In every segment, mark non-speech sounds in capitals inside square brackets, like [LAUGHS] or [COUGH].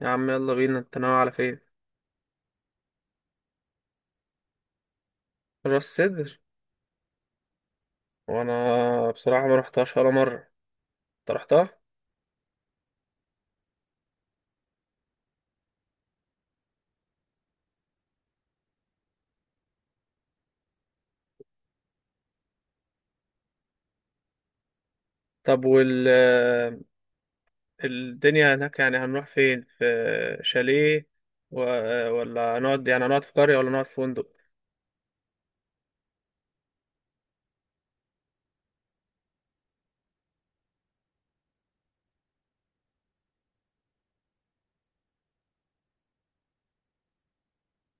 يا عم يلا بينا، انت ناوي على فين؟ راس سدر. وانا بصراحه ما رحتهاش ولا مره، انت رحتها؟ طب وال... الدنيا هناك يعني هنروح فين؟ في شاليه و... ولا نقعد، يعني هنقعد في قريه ولا نقعد في فندق؟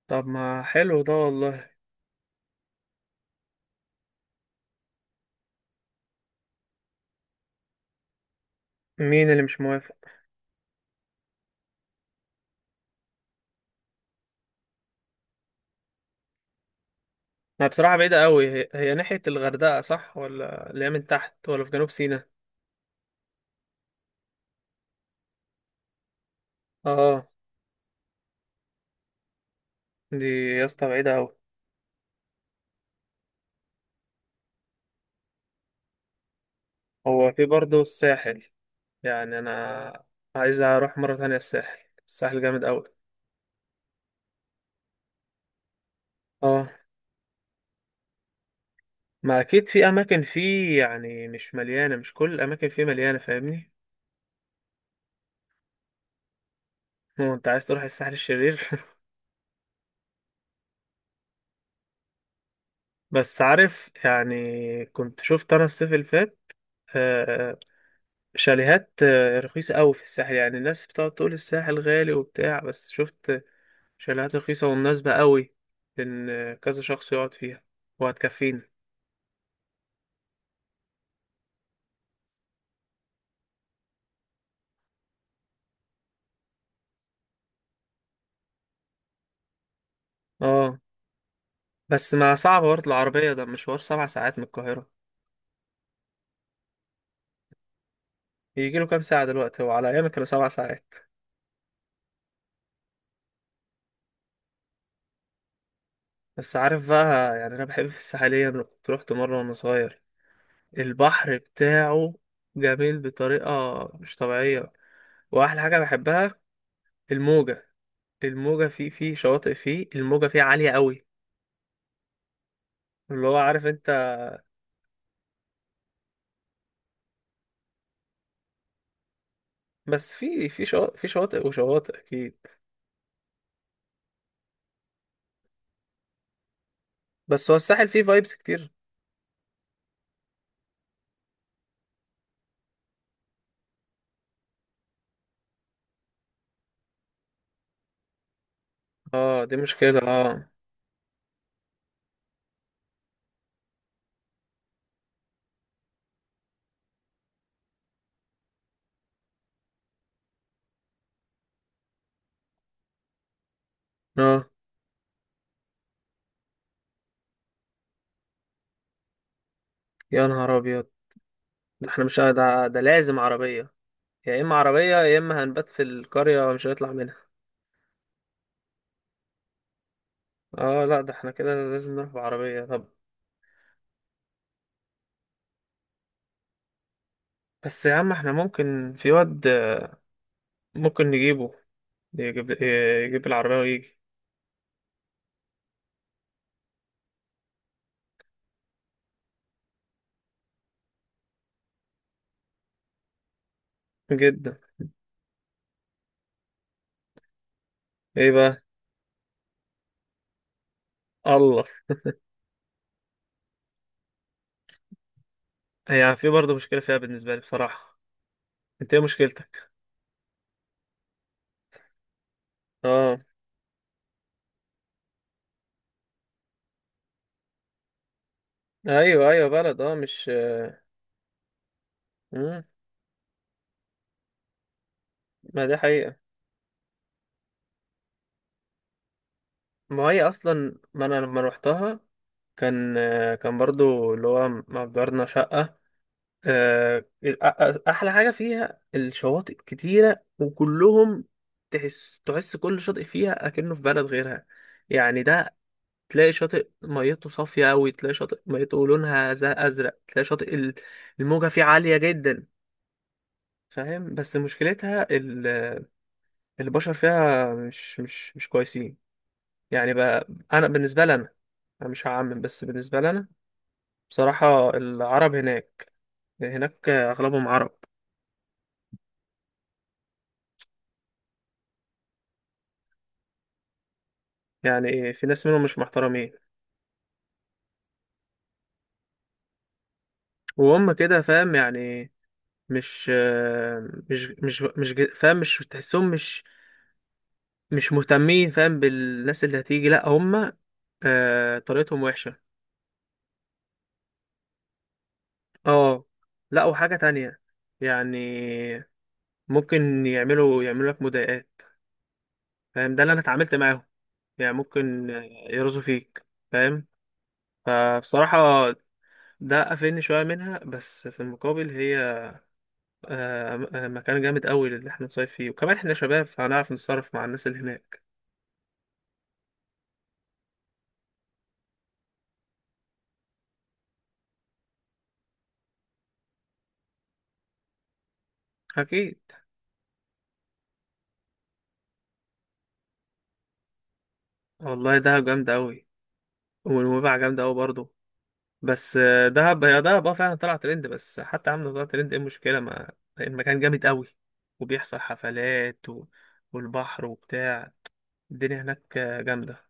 طب ما حلو ده والله. مين اللي مش موافق؟ انا بصراحه بعيده قوي، هي ناحيه الغردقه صح ولا اللي هي من تحت ولا في جنوب سيناء؟ اه دي، يا اسطى بعيده قوي. هو في برضه الساحل، يعني انا عايز اروح مرة تانية الساحل، الساحل جامد قوي. اه ما اكيد في اماكن فيه يعني مش مليانة، مش كل الاماكن فيه مليانة، فاهمني؟ هو انت عايز تروح الساحل الشرير؟ [LAUGHS] بس عارف يعني كنت شفت انا الصيف اللي فات آه، شاليهات رخيصة قوي في الساحل، يعني الناس بتقعد تقول الساحل غالي وبتاع بس شفت شاليهات رخيصة ومناسبة قوي، إن كذا شخص يقعد فيها وهتكفيني. اه بس ما صعب برضه العربية، ده مشوار سبع ساعات من القاهرة. يجي له كام ساعة دلوقتي؟ هو على أيامي كانوا سبع ساعات. بس عارف بقى، يعني أنا بحب في الساحلية، أنا كنت روحت مرة وأنا صغير، البحر بتاعه جميل بطريقة مش طبيعية. وأحلى حاجة بحبها الموجة، الموجة فيه شواطئ فيه الموجة فيه عالية قوي، اللي هو عارف أنت. بس في شواطئ، في شواطئ وشواطئ أكيد. بس هو الساحل فيه فايبس كتير. اه دي مشكلة اه. اه، يا نهار أبيض. ده احنا مش ده، ده لازم عربية، يا إما عربية يا إما هنبات في القرية مش هنطلع منها. اه لا، ده احنا كده لازم نروح بعربية. طب بس يا عم احنا ممكن في واد، ممكن نجيبه، يجيب، يجيب العربية ويجي. جدا. ايه بقى؟ الله. هي يعني في برضه مشكلة فيها بالنسبة لي بصراحة. انت ايه مشكلتك؟ اه. ايوه ايوه بلد، اه مش... مم. ما دي حقيقة. ما هي اصلا ما انا لما روحتها كان، كان برضو اللي هو مأجرنا شقة. احلى حاجه فيها الشواطئ كتيره وكلهم، تحس كل شاطئ فيها اكنه في بلد غيرها، يعني ده تلاقي شاطئ ميته صافيه قوي، تلاقي شاطئ ميته لونها زي ازرق، تلاقي شاطئ الموجه فيه عاليه جدا. فاهم؟ بس مشكلتها البشر فيها مش كويسين. يعني بقى انا بالنسبه لي انا، أنا مش هعمم بس بالنسبه لي انا بصراحه العرب هناك، هناك اغلبهم عرب، يعني في ناس منهم مش محترمين، وهم كده فاهم يعني، مش آه، مش مش مش ج- فاهم مش تحسهم، مش مش مهتمين فاهم بالناس اللي هتيجي، لا هم طريقتهم وحشة. اه لا وحاجة تانية يعني، ممكن يعملوا لك مضايقات، فاهم ده اللي انا اتعاملت معاهم. يعني ممكن يرزوا فيك، فاهم، فبصراحة ده قفلني شوية منها. بس في المقابل هي مكان جامد قوي اللي احنا نصيف فيه، وكمان احنا شباب فهنعرف نتصرف مع الناس اللي هناك. اكيد. والله دهب جامده قوي، ونويبع جامده قوي برضه. بس دهب، هي دهب اه فعلا طلع ترند، بس حتى عامله طلع ترند ايه المشكله؟ ما المكان جامد قوي، وبيحصل حفلات والبحر وبتاع، الدنيا هناك جامده.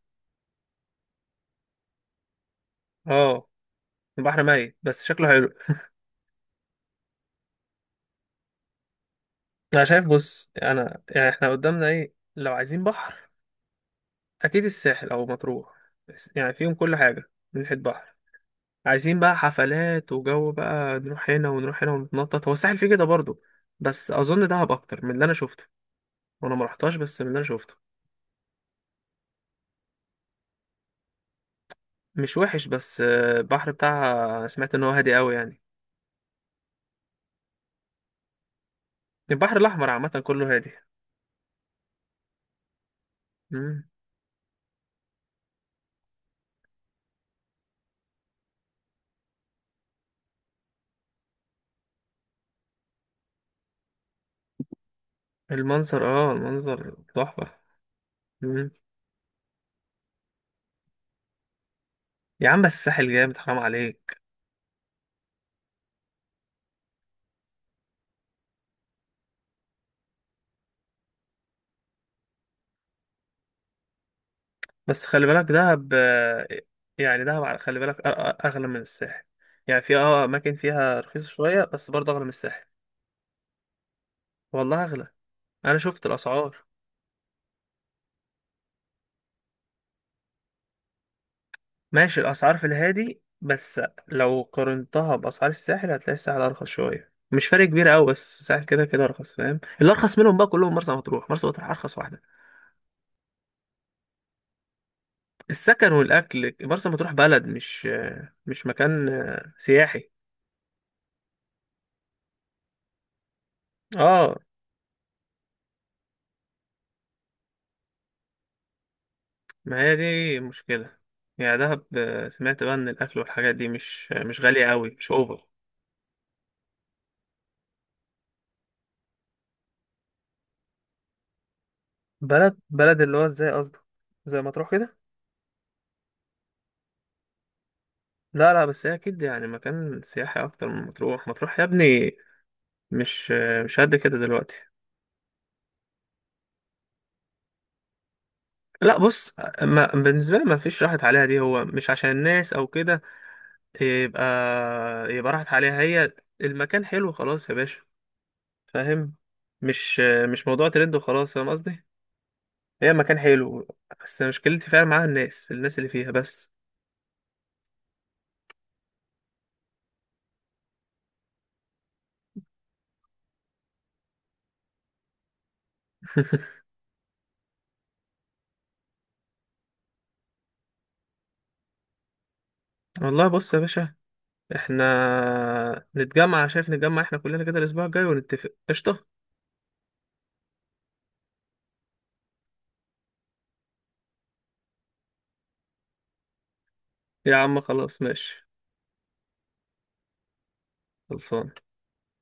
اه البحر ميت بس شكله حلو. انا شايف، بص انا يعني احنا قدامنا ايه؟ لو عايزين بحر اكيد الساحل او مطروح، بس يعني فيهم كل حاجه من ناحيه بحر. عايزين بقى حفلات وجو بقى نروح هنا ونروح هنا ونتنطط، هو الساحل فيه كده برضه، بس اظن دهب اكتر من اللي انا شفته، وانا ما رحتهاش بس من اللي انا شفته. مش وحش، بس البحر بتاعها سمعت ان هو هادي قوي يعني. البحر الاحمر عامه كله هادي. مم. المنظر اه المنظر تحفه. مم. يا عم بس الساحل جامد، حرام عليك. بس خلي بالك دهب يعني دهب خلي بالك اغلى من الساحل، يعني في اه اماكن فيها رخيصه شويه بس برضه اغلى من الساحل. والله اغلى، انا شفت الاسعار. ماشي الأسعار في الهادي، بس لو قارنتها بأسعار الساحل هتلاقي الساحل أرخص شوية، مش فرق كبير أوي بس الساحل كده كده أرخص، فاهم؟ اللي أرخص منهم بقى كلهم مرسى مطروح، مرسى مطروح أرخص واحدة. السكن والأكل، مرسى مطروح بلد مش، مش مكان سياحي. اه ما هي دي مشكلة، يعني دهب سمعت بقى إن الأكل والحاجات دي مش غالية أوي، مش أوفر. بلد، بلد اللي هو ازاي قصدك؟ زي مطروح كده؟ لا لا، بس هي اكيد يعني مكان سياحي اكتر من مطروح، مطروح يا ابني مش، مش قد كده دلوقتي. لا بص، ما بالنسبه لي ما فيش راحت عليها دي، هو مش عشان الناس او كده يبقى، يبقى راحت عليها، هي المكان حلو خلاص يا باشا، فاهم؟ مش، مش موضوع ترند وخلاص، فاهم قصدي؟ هي مكان حلو، بس مشكلتي فعلا معاها الناس، الناس اللي فيها بس. [LAUGHS] والله بص يا باشا، احنا نتجمع، شايف نتجمع احنا كلنا كده الاسبوع الجاي ونتفق؟ قشطه. يا عم خلاص ماشي. خلصان.